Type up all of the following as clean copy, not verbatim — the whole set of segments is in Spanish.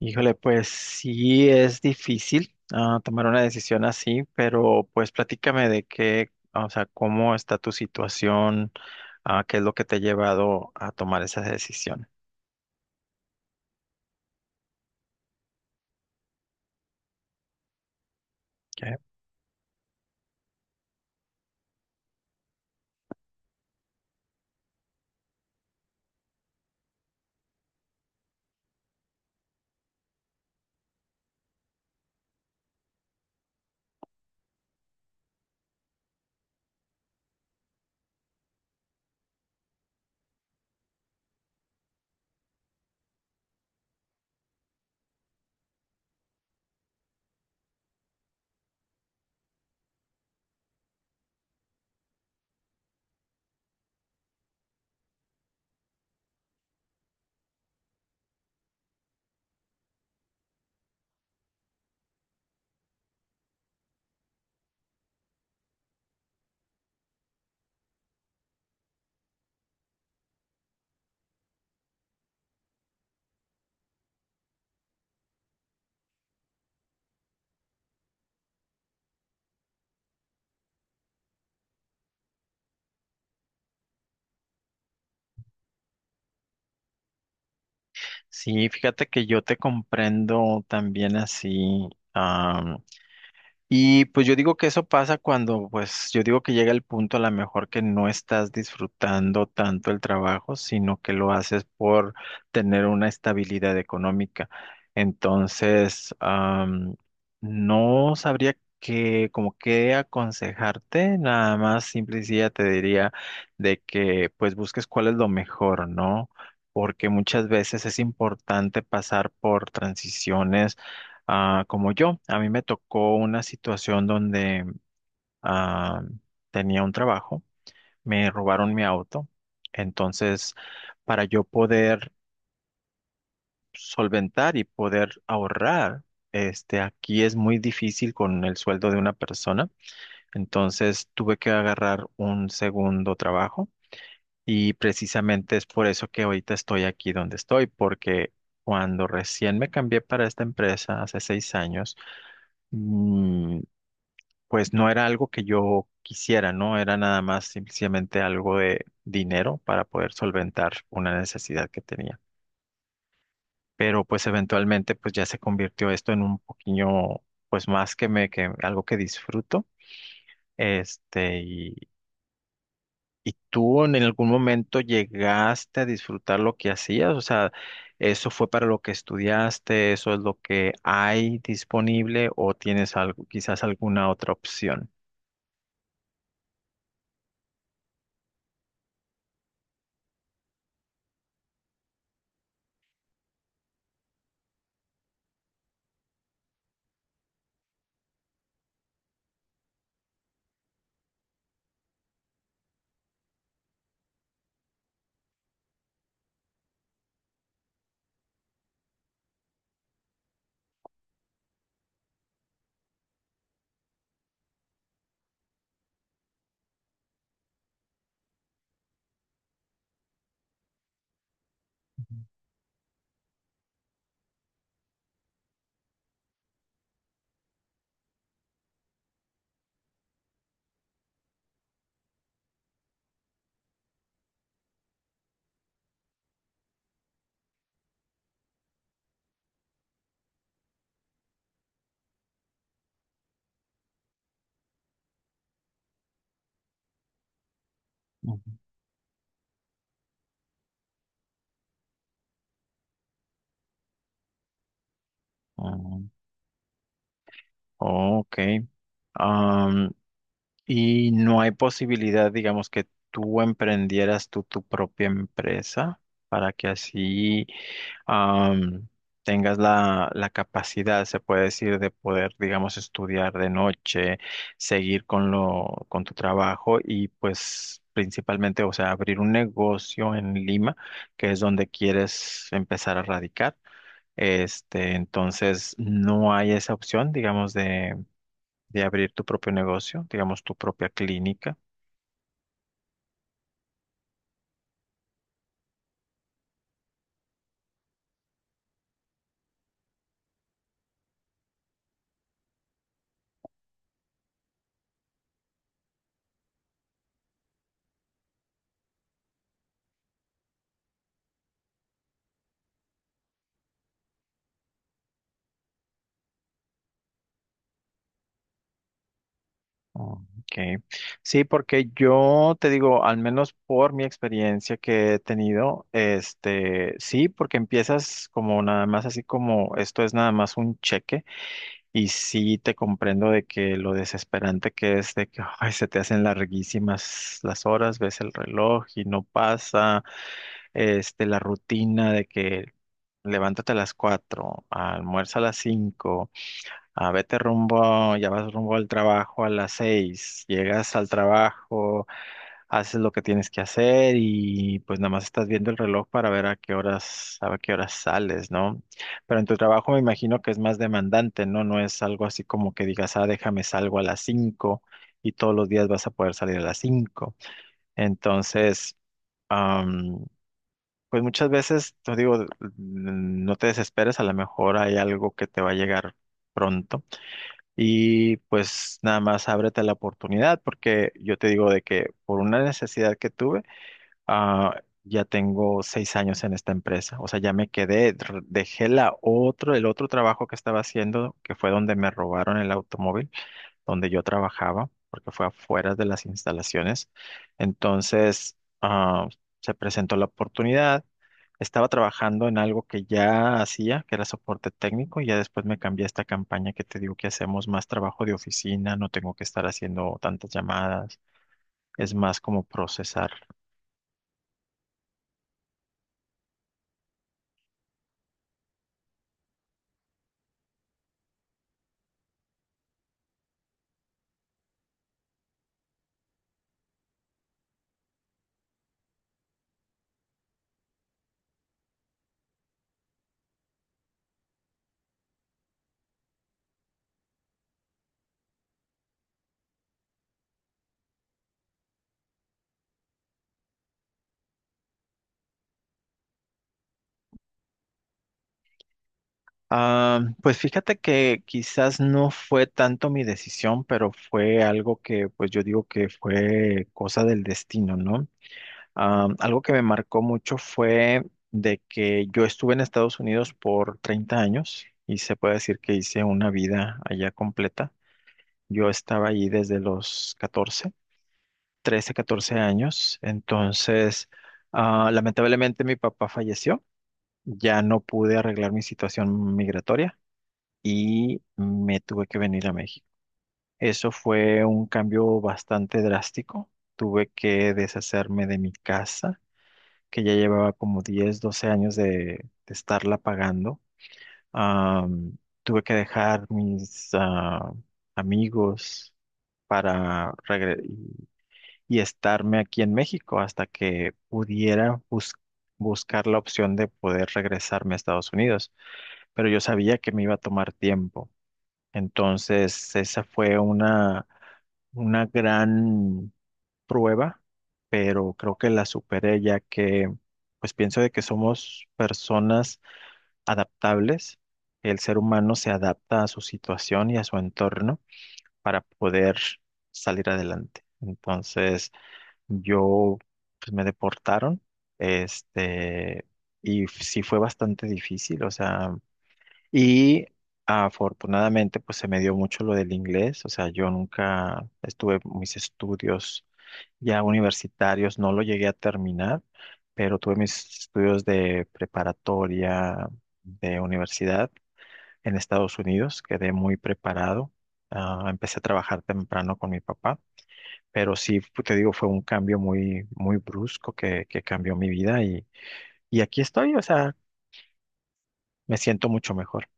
Híjole, pues sí es difícil tomar una decisión así, pero pues platícame de qué, o sea, cómo está tu situación, qué es lo que te ha llevado a tomar esa decisión. ¿Ok? Sí, fíjate que yo te comprendo también así. Y pues yo digo que eso pasa cuando, pues yo digo que llega el punto a lo mejor que no estás disfrutando tanto el trabajo, sino que lo haces por tener una estabilidad económica. Entonces, no sabría que, como qué aconsejarte, nada más simple y sencilla te diría de que pues busques cuál es lo mejor, ¿no? Porque muchas veces es importante pasar por transiciones como yo. A mí me tocó una situación donde ah, tenía un trabajo, me robaron mi auto, entonces para yo poder solventar y poder ahorrar, este, aquí es muy difícil con el sueldo de una persona, entonces tuve que agarrar un segundo trabajo y precisamente es por eso que ahorita estoy aquí donde estoy, porque cuando recién me cambié para esta empresa hace 6 años, mm, pues no era algo que yo quisiera, ¿no? Era nada más simplemente algo de dinero para poder solventar una necesidad que tenía. Pero pues eventualmente pues ya se convirtió esto en un poquillo, pues más que me, que algo que disfruto. Este, y tú en algún momento llegaste a disfrutar lo que hacías, o sea, ¿eso fue para lo que estudiaste? ¿Eso es lo que hay disponible o tienes algo, quizás alguna otra opción? Ujú. Ujú. Ok. Am, y no hay posibilidad, digamos, que tú emprendieras tú tu propia empresa para que así am, tengas la, la capacidad, se puede decir, de poder, digamos, estudiar de noche, seguir con lo, con tu trabajo y pues principalmente, o sea, abrir un negocio en Lima, que es donde quieres empezar a radicar? Este, ¿entonces no hay esa opción, digamos, de abrir tu propio negocio, digamos, tu propia clínica? Okay. Sí, porque yo te digo, al menos por mi experiencia que he tenido, este, sí, porque empiezas como nada más así como esto es nada más un cheque y sí te comprendo de que lo desesperante que es de que ay, se te hacen larguísimas las horas, ves el reloj y no pasa este, la rutina de que levántate a las 4, almuerza a las 5, vete rumbo, ya vas rumbo al trabajo a las 6, llegas al trabajo, haces lo que tienes que hacer y pues nada más estás viendo el reloj para ver a qué horas sales, ¿no? Pero en tu trabajo me imagino que es más demandante, ¿no? No es algo así como que digas, déjame salgo a las 5 y todos los días vas a poder salir a las 5. Entonces. Pues muchas veces, te digo, no te desesperes, a lo mejor hay algo que te va a llegar pronto y pues nada más ábrete a la oportunidad porque yo te digo de que por una necesidad que tuve, ya tengo 6 años en esta empresa, o sea, ya me quedé, dejé la otro, el otro trabajo que estaba haciendo, que fue donde me robaron el automóvil donde yo trabajaba, porque fue afuera de las instalaciones. Entonces, se presentó la oportunidad. Estaba trabajando en algo que ya hacía, que era soporte técnico, y ya después me cambié a esta campaña que te digo que hacemos más trabajo de oficina, no tengo que estar haciendo tantas llamadas, es más como procesar. Ah, pues fíjate que quizás no fue tanto mi decisión, pero fue algo que pues yo digo que fue cosa del destino, ¿no? Algo que me marcó mucho fue de que yo estuve en Estados Unidos por 30 años y se puede decir que hice una vida allá completa. Yo estaba allí desde los 14, 13, 14 años. Entonces, lamentablemente mi papá falleció. Ya no pude arreglar mi situación migratoria y me tuve que venir a México. Eso fue un cambio bastante drástico. Tuve que deshacerme de mi casa que ya llevaba como 10 12 años de estarla pagando. Am, Tuve que dejar mis amigos para y estarme aquí en México hasta que pudiera buscar la opción de poder regresarme a Estados Unidos. Pero yo sabía que me iba a tomar tiempo. Entonces, esa fue una gran prueba, pero creo que la superé ya que, pues pienso de que somos personas adaptables. El ser humano se adapta a su situación y a su entorno para poder salir adelante. Entonces, yo, pues me deportaron, este, y sí fue bastante difícil, o sea. Y afortunadamente, pues se me dio mucho lo del inglés. O sea, yo nunca estuve mis estudios ya universitarios, no lo llegué a terminar, pero tuve mis estudios de preparatoria, de universidad en Estados Unidos. Quedé muy preparado. Ah, empecé a trabajar temprano con mi papá, pero sí, te digo, fue un cambio muy, muy brusco que, cambió mi vida y aquí estoy. O sea, me siento mucho mejor.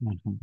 Ujú.